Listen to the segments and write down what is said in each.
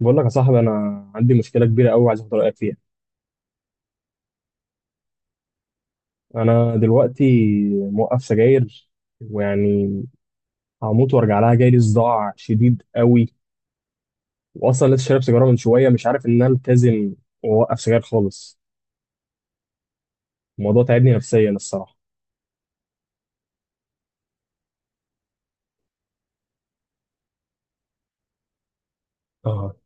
بقول لك يا صاحبي، انا عندي مشكله كبيره قوي، عايز اخد رايك فيها. انا دلوقتي موقف سجاير، ويعني هموت وارجع لها. جاي لي صداع شديد قوي، واصلا لسه شارب سيجاره من شويه. مش عارف ان انا التزم واوقف سجاير خالص. الموضوع تعبني نفسيا الصراحه. اه.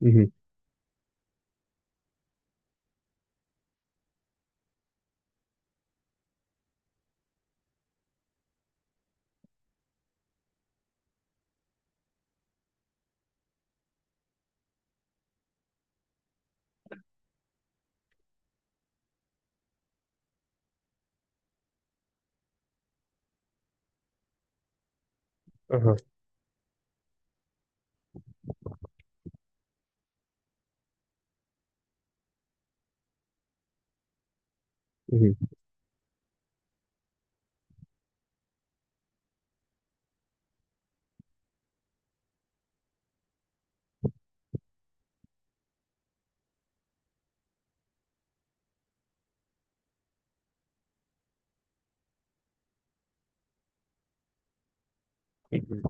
مهم. اه. مهم. مهم.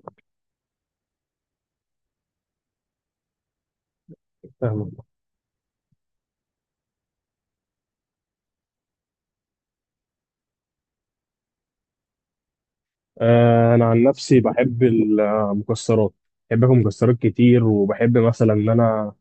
فاهمك. انا عن نفسي بحب المكسرات. بحب اكل مكسرات كتير، وبحب مثلا ان انا،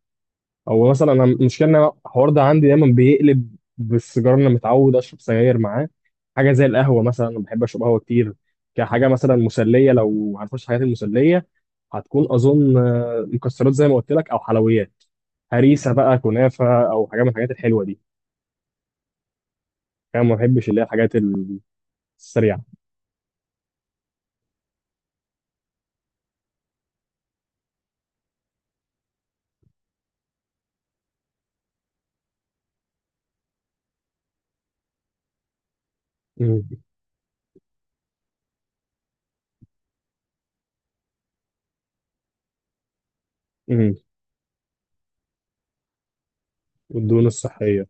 او مثلا انا المشكله ان أنا الحوار ده عندي دايما بيقلب بالسيجاره. انا متعود اشرب سجاير معاه حاجه زي القهوه. مثلا انا بحب اشرب قهوه كتير كحاجه مثلا مسليه. لو هنخش حاجات المسليه، هتكون اظن مكسرات زي ما قلت لك، او حلويات. هريسه بقى، كنافه، او حاجه من الحاجات الحلوه دي. انا ما بحبش اللي هي الحاجات السريعه. امم. امم. والدهون الصحيه.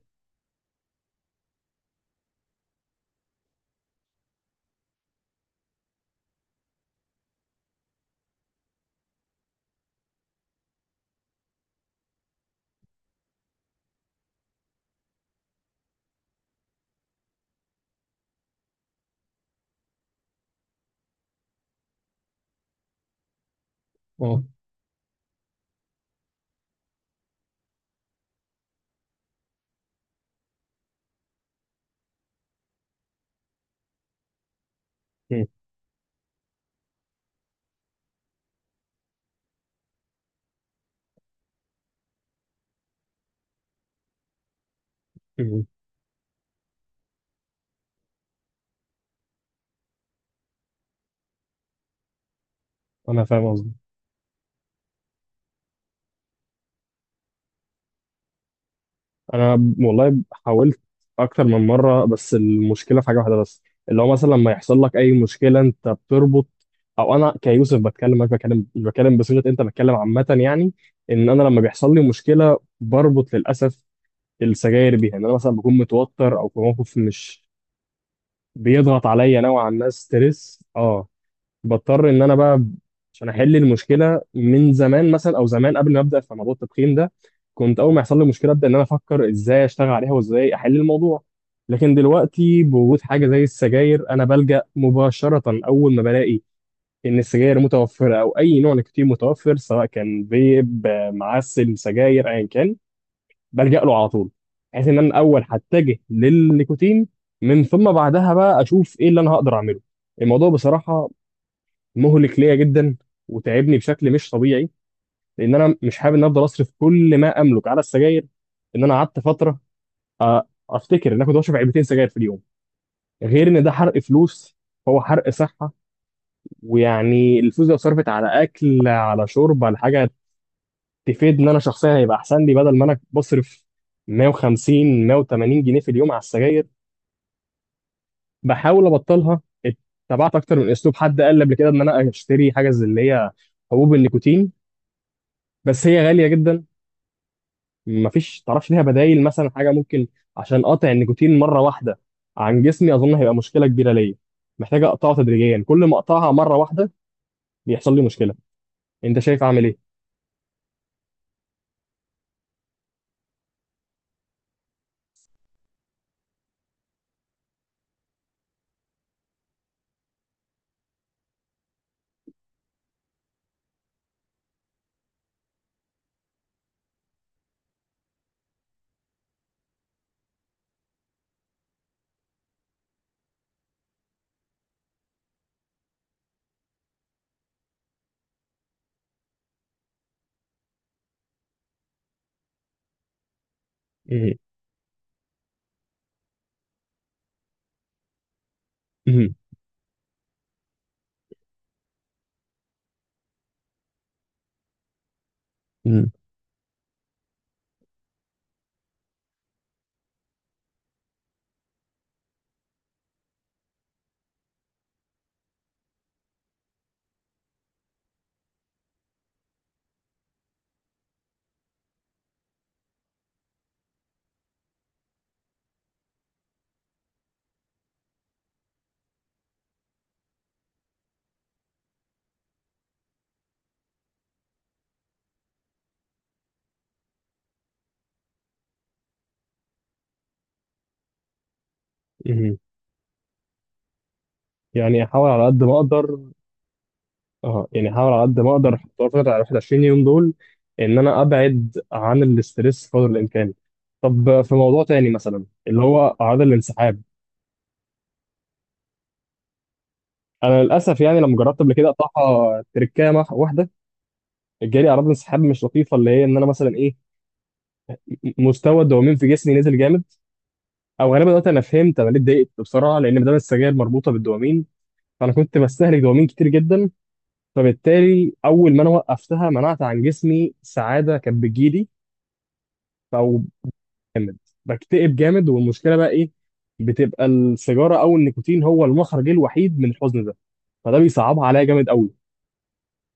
اه. امم. امم. انا فاهم. انا والله حاولت اكتر من مره. بس المشكله في حاجه واحده بس، اللي هو مثلا لما يحصل لك اي مشكله انت بتربط، او انا كيوسف بتكلم، مش بكلم، مش بتكلم بصيغه انت بتكلم عامه. يعني ان انا لما بيحصل لي مشكله بربط للاسف السجاير بيها. ان انا مثلا بكون متوتر او في موقف مش بيضغط عليا نوعا ما، ستريس. اه، بضطر ان انا بقى عشان احل المشكله. من زمان مثلا، او زمان قبل ما ابدا في موضوع التدخين ده، كنت اول ما يحصل لي مشكله ابدا ان انا افكر ازاي اشتغل عليها وازاي احل الموضوع. لكن دلوقتي بوجود حاجه زي السجاير، انا بلجأ مباشره. اول ما بلاقي ان السجاير متوفره او اي نوع نيكوتين متوفر، سواء كان فيب، معسل، سجاير، ايا كان، بلجأ له على طول. بحيث ان انا اول هتجه للنيكوتين، من ثم بعدها بقى اشوف ايه اللي انا هقدر اعمله. الموضوع بصراحه مهلك ليا جدا، وتعبني بشكل مش طبيعي. لان انا مش حابب ان افضل اصرف كل ما املك على السجاير. ان انا قعدت فتره، أ- افتكر ان انا كنت بشرب علبتين سجاير في اليوم. غير ان ده حرق فلوس، هو حرق صحه. ويعني الفلوس دي لو صرفت على اكل، على شرب، على حاجه تفيد، ان انا شخصيا هيبقى احسن لي. بدل ما انا بصرف 150 180 جنيه في اليوم على السجاير، بحاول ابطلها. اتبعت اكتر من اسلوب. حد قال لي قبل كده ان انا اشتري حاجه زي اللي هي حبوب النيكوتين، بس هي غاليه جدا. مفيش تعرفش ليها بدايل، مثلا حاجه ممكن عشان اقطع النيكوتين مره واحده عن جسمي؟ اظن هيبقى مشكله كبيره ليا. محتاجه اقطعه تدريجيا. كل ما اقطعها مره واحده بيحصل لي مشكله. انت شايف اعمل ايه؟ مهم. مهم. مهم. مهم. يعني احاول على قد ما اقدر. اه، يعني احاول على قد ما اقدر في الفتره ال 21 يوم دول ان انا ابعد عن الاسترس قدر الامكان. طب، في موضوع تاني مثلا، اللي هو اعراض الانسحاب. انا للاسف يعني لما جربت قبل كده اقطعها تركامه واحده، جالي اعراض انسحاب مش لطيفه. اللي هي ان انا مثلا ايه، مستوى الدوبامين في جسمي نزل جامد. او غالبا دلوقتي انا فهمت انا ليه اتضايقت بسرعه، لان ما دام السجاير مربوطه بالدوبامين، فانا كنت بستهلك دوبامين كتير جدا. فبالتالي اول ما انا وقفتها، منعت عن جسمي سعاده كانت بتجيلي. او جامد، بكتئب جامد. والمشكله بقى ايه، بتبقى السيجاره او النيكوتين هو المخرج الوحيد من الحزن ده. فده بيصعبها عليا جامد قوي،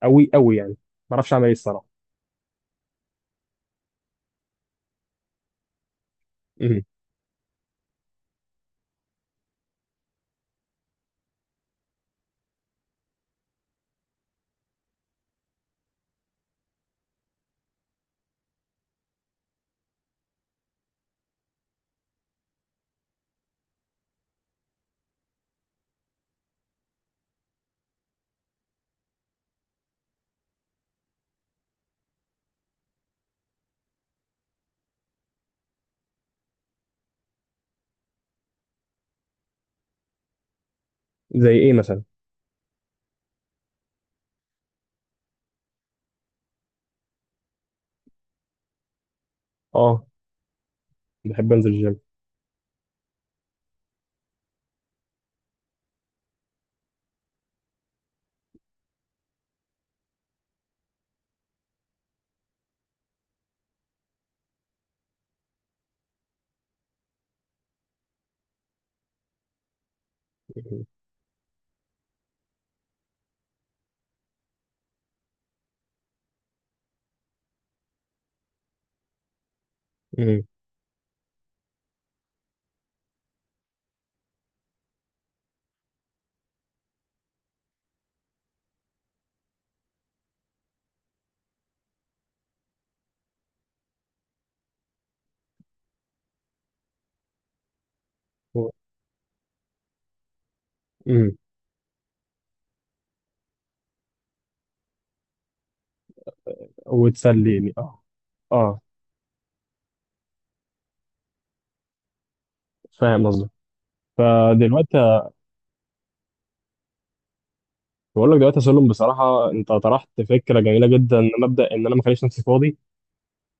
قوي قوي يعني. ما اعرفش اعمل ايه الصراحه. مم. زي ايه مثلا؟ اه، بحب انزل الجيم. مم. و... مم. وتسليني اه. اه، فاهم قصدك. دلوقتي بقول لك دلوقتي يا سلم، بصراحه انت طرحت فكره جميله جدا، ان مبدا ان انا ما اخليش نفسي فاضي.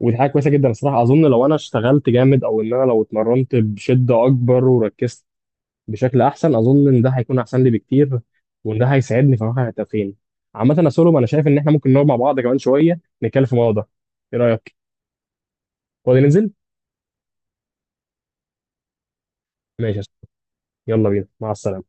ودي حاجه كويسه جدا الصراحه. اظن لو انا اشتغلت جامد، او ان انا لو اتمرنت بشده اكبر وركزت بشكل احسن، اظن ان ده هيكون احسن لي بكتير، وان ده هيساعدني في واقع التدخين. عامه يا سلم، انا شايف ان احنا ممكن نقعد مع بعض كمان شويه نتكلم في الموضوع ده. ايه رايك؟ فاضي ننزل؟ ماشي يا سلم. يلا بينا، مع السلامه.